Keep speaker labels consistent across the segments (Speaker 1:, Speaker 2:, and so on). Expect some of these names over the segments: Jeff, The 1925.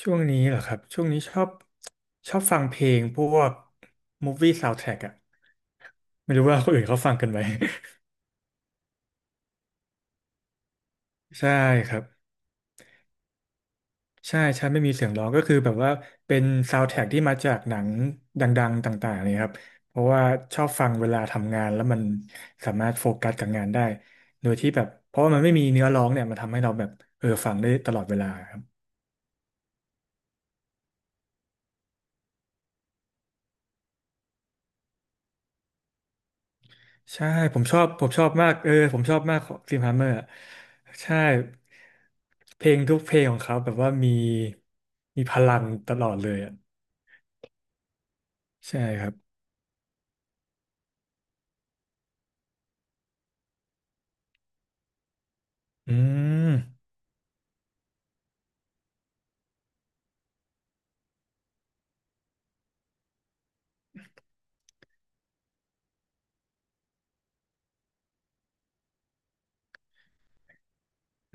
Speaker 1: ช่วงนี้เหรอครับช่วงนี้ชอบฟังเพลงพวกมูฟวี่ซาว d t ท a c k อะไม่รู้ว่าคนอื่นเขาฟังกันไหม ใช่ครับใช่ใช่ไม่มีเสียงร้องก็คือแบบว่าเป็นซาว d t ท a c k ที่มาจากหนังดังๆต่างๆเลยครับเพราะว่าชอบฟังเวลาทำงานแล้วมันสามารถโฟกัสกับงานได้โดยที่แบบเพราะว่ามันไม่มีเนื้อร้องเนี่ยมันทำให้เราแบบเออฟังได้ตลอดเวลาครับ ใช่ผมชอบผมชอบมากเออผมชอบมากของฟิล์มฮัมเมอร์ใช่เพลงทุกเพลงของเขาแบบว่ามีมีพลังตลอดเลยอ่ะใช่ครับอืม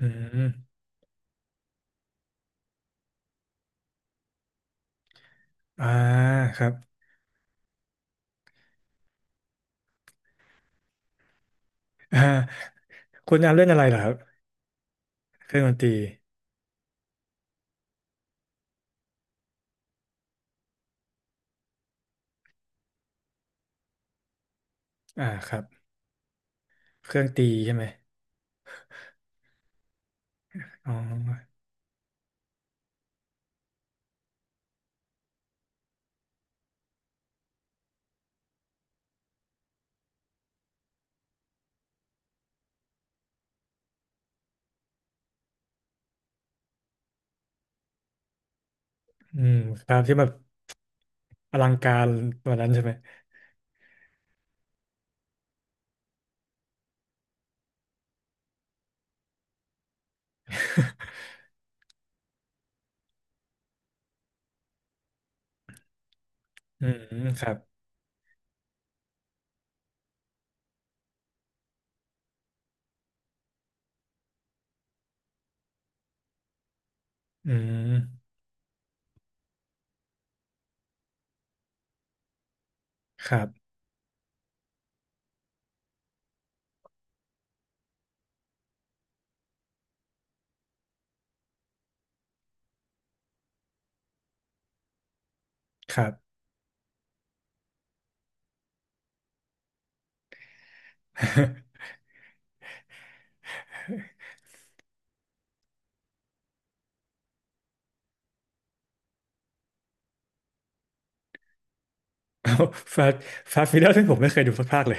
Speaker 1: อืมอ่าครับอ่าคุณอาเล่นอะไรเหรอครับเครื่องดนตรีอ่าครับเครื่องตีใช่ไหมอ๋ออืมครับที่แบบอลังการวันนั้นใช่ไหม อืมครับอืมครับครับ อ้าวฟาสฟาสฟิลเลอร์ที่ผมไม่เคยดูสักภาคเลย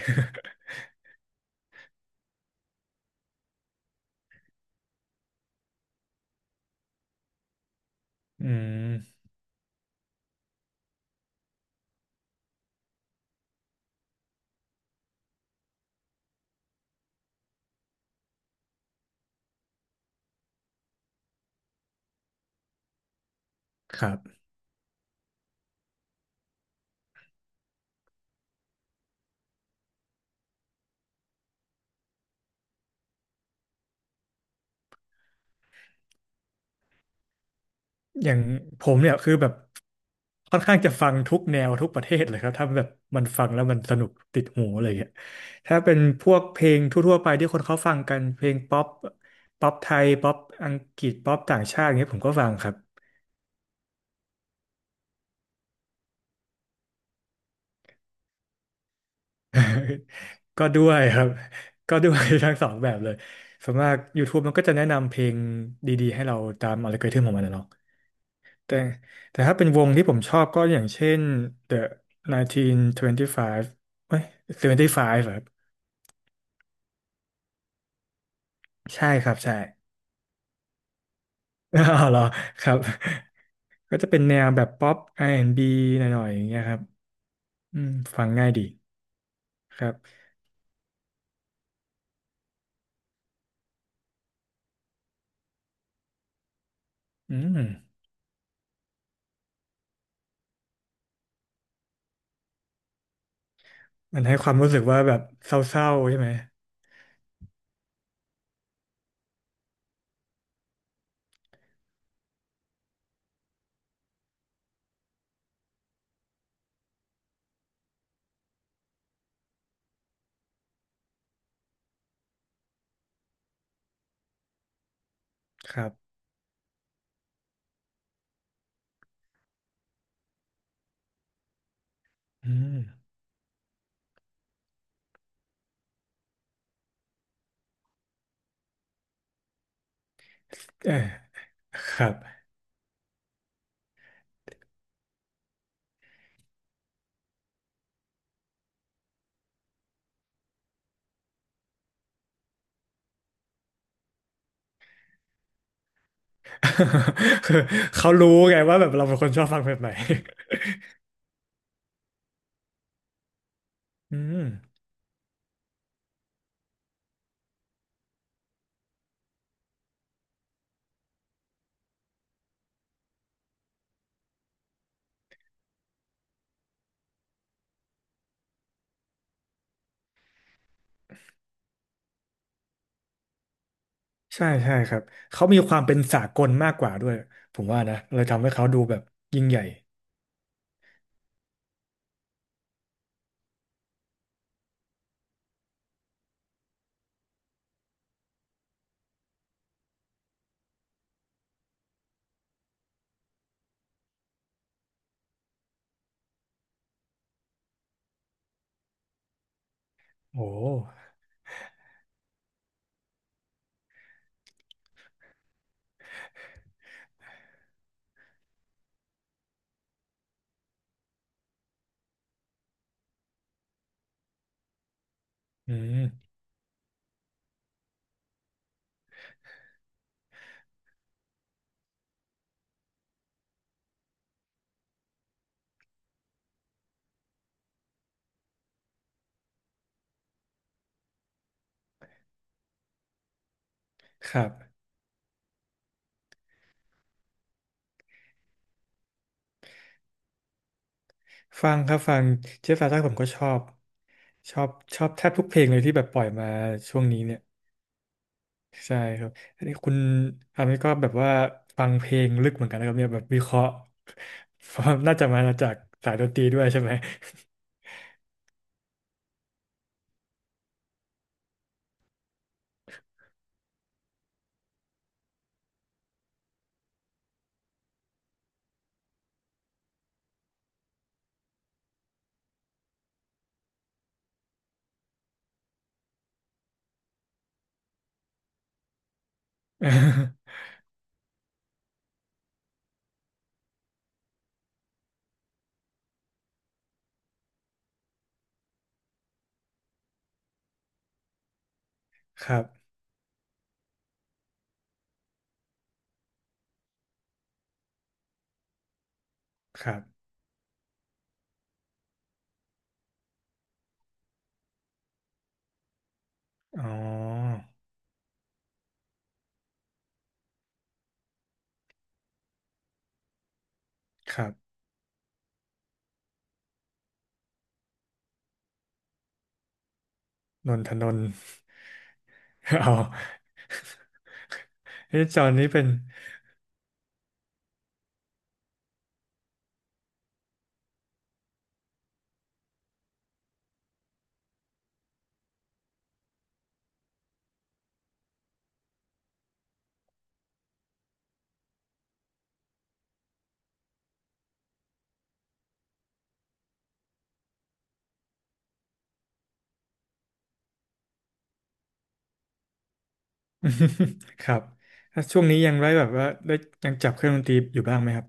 Speaker 1: อืมครับอย่างผมเนี่ยคือแบบค่อนข้างจะฟังทุกแนวทุกประเทศเลยครับถ้าแบบมันฟังแล้วมันสนุกติดหูอะไรอย่างเงี้ยถ้าเป็นพวกเพลงทั่วๆไปที่คนเขาฟังกันเพลงป๊อปป๊อปไทยป๊อปอังกฤษป๊อปต่างชาติอย่างเงี้ยผมก็ฟังครับ ก็ด้วยครับ ก็ด้วยทั้งสองแบบเลยส่วนมาก YouTube มันก็จะแนะนำเพลงดีๆให้เราตามอัลกอริทึมของมันนะเนาะ แต่แต่ถ้าเป็นวงที่ผมชอบก็อย่างเช่น The 1925เก้ายี่สิบห้าเอ้ย75ครับใช่ครับใช่ อ๋อเหรอครับ ก็จะเป็นแนวแบบป๊อปอาร์แอนด์บ b หน่อยๆอย่างเงี้ยครับอืมฟังง่ายดีครับอืมมันให้ความรู้สึกว่าแบบเศร้าๆใช่ไหมครับอืมเออครับ คือเขารู้ไงว่าแบบเราเป็นคนชอบฟังแบบไหน อืม ใช่ใช่ครับ เขามีความเป็นสากลมากกว่าด้วยผมว่านะเลยทำให้เขาดูแบบยิ่งใหญ่โอ้อืมครับฟังครับฟังเจฟฟาต่าผมก็ชอบชอบแทบทุกเพลงเลยที่แบบปล่อยมาช่วงนี้เนี่ยใช่ครับอันนี้คุณอันนี้ก็แบบว่าฟังเพลงลึกเหมือนกันนะครับเนี่ยแบบวิเคราะห์ เพราะน่าจะมาจากสายดนตรีด้วยใช่ไหม ครับครับอ๋อครับนนทนนท์ อ๋อเฮ้ยจอ์นนี่เป็น ครับแล้วช่วงนี้ยังได้แบบว่าได้ยังจับเครื่องดนตรีอยู่บ้างไหมครับ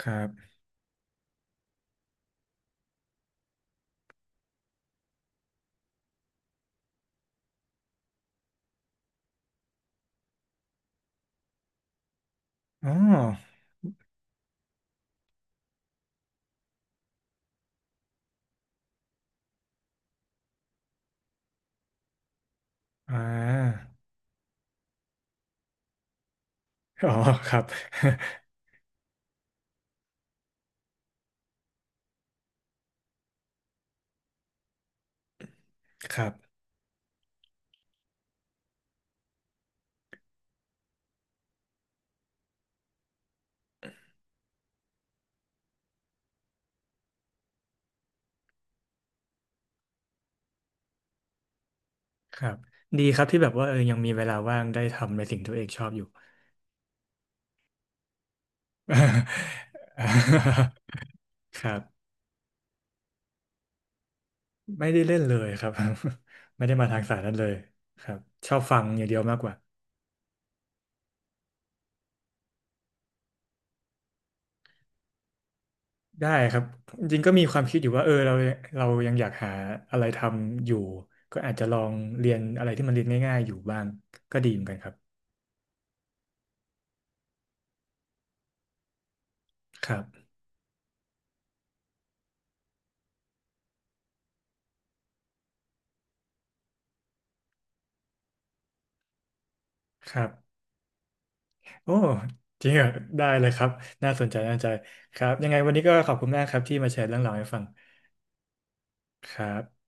Speaker 1: ครับอ๋ออ่าอ๋อครับ ครับครับดีครับที่แบบว่าเออยังมีเวลาว่างได้ทำในสิ่งที่ตัวเองชอบอยู่ ครับไม่ได้เล่นเลยครับ ไม่ได้มาทางสายนั้นเลยครับชอบฟังอย่างเดียวมากกว่า ได้ครับจริงๆก็มีความคิดอยู่ว่าเออเราเรายังอยากหาอะไรทำอยู่ก็อาจจะลองเรียนอะไรที่มันเรียนง่ายๆอยู่บ้างก็ดีเหมือนกันครับครับครับโอ้จริงเหรอได้เลยครับน่าสนใจน่าสนใจครับยังไงวันนี้ก็ขอบคุณมากครับที่มาแชร์เรื่องราวให้ฟังครับ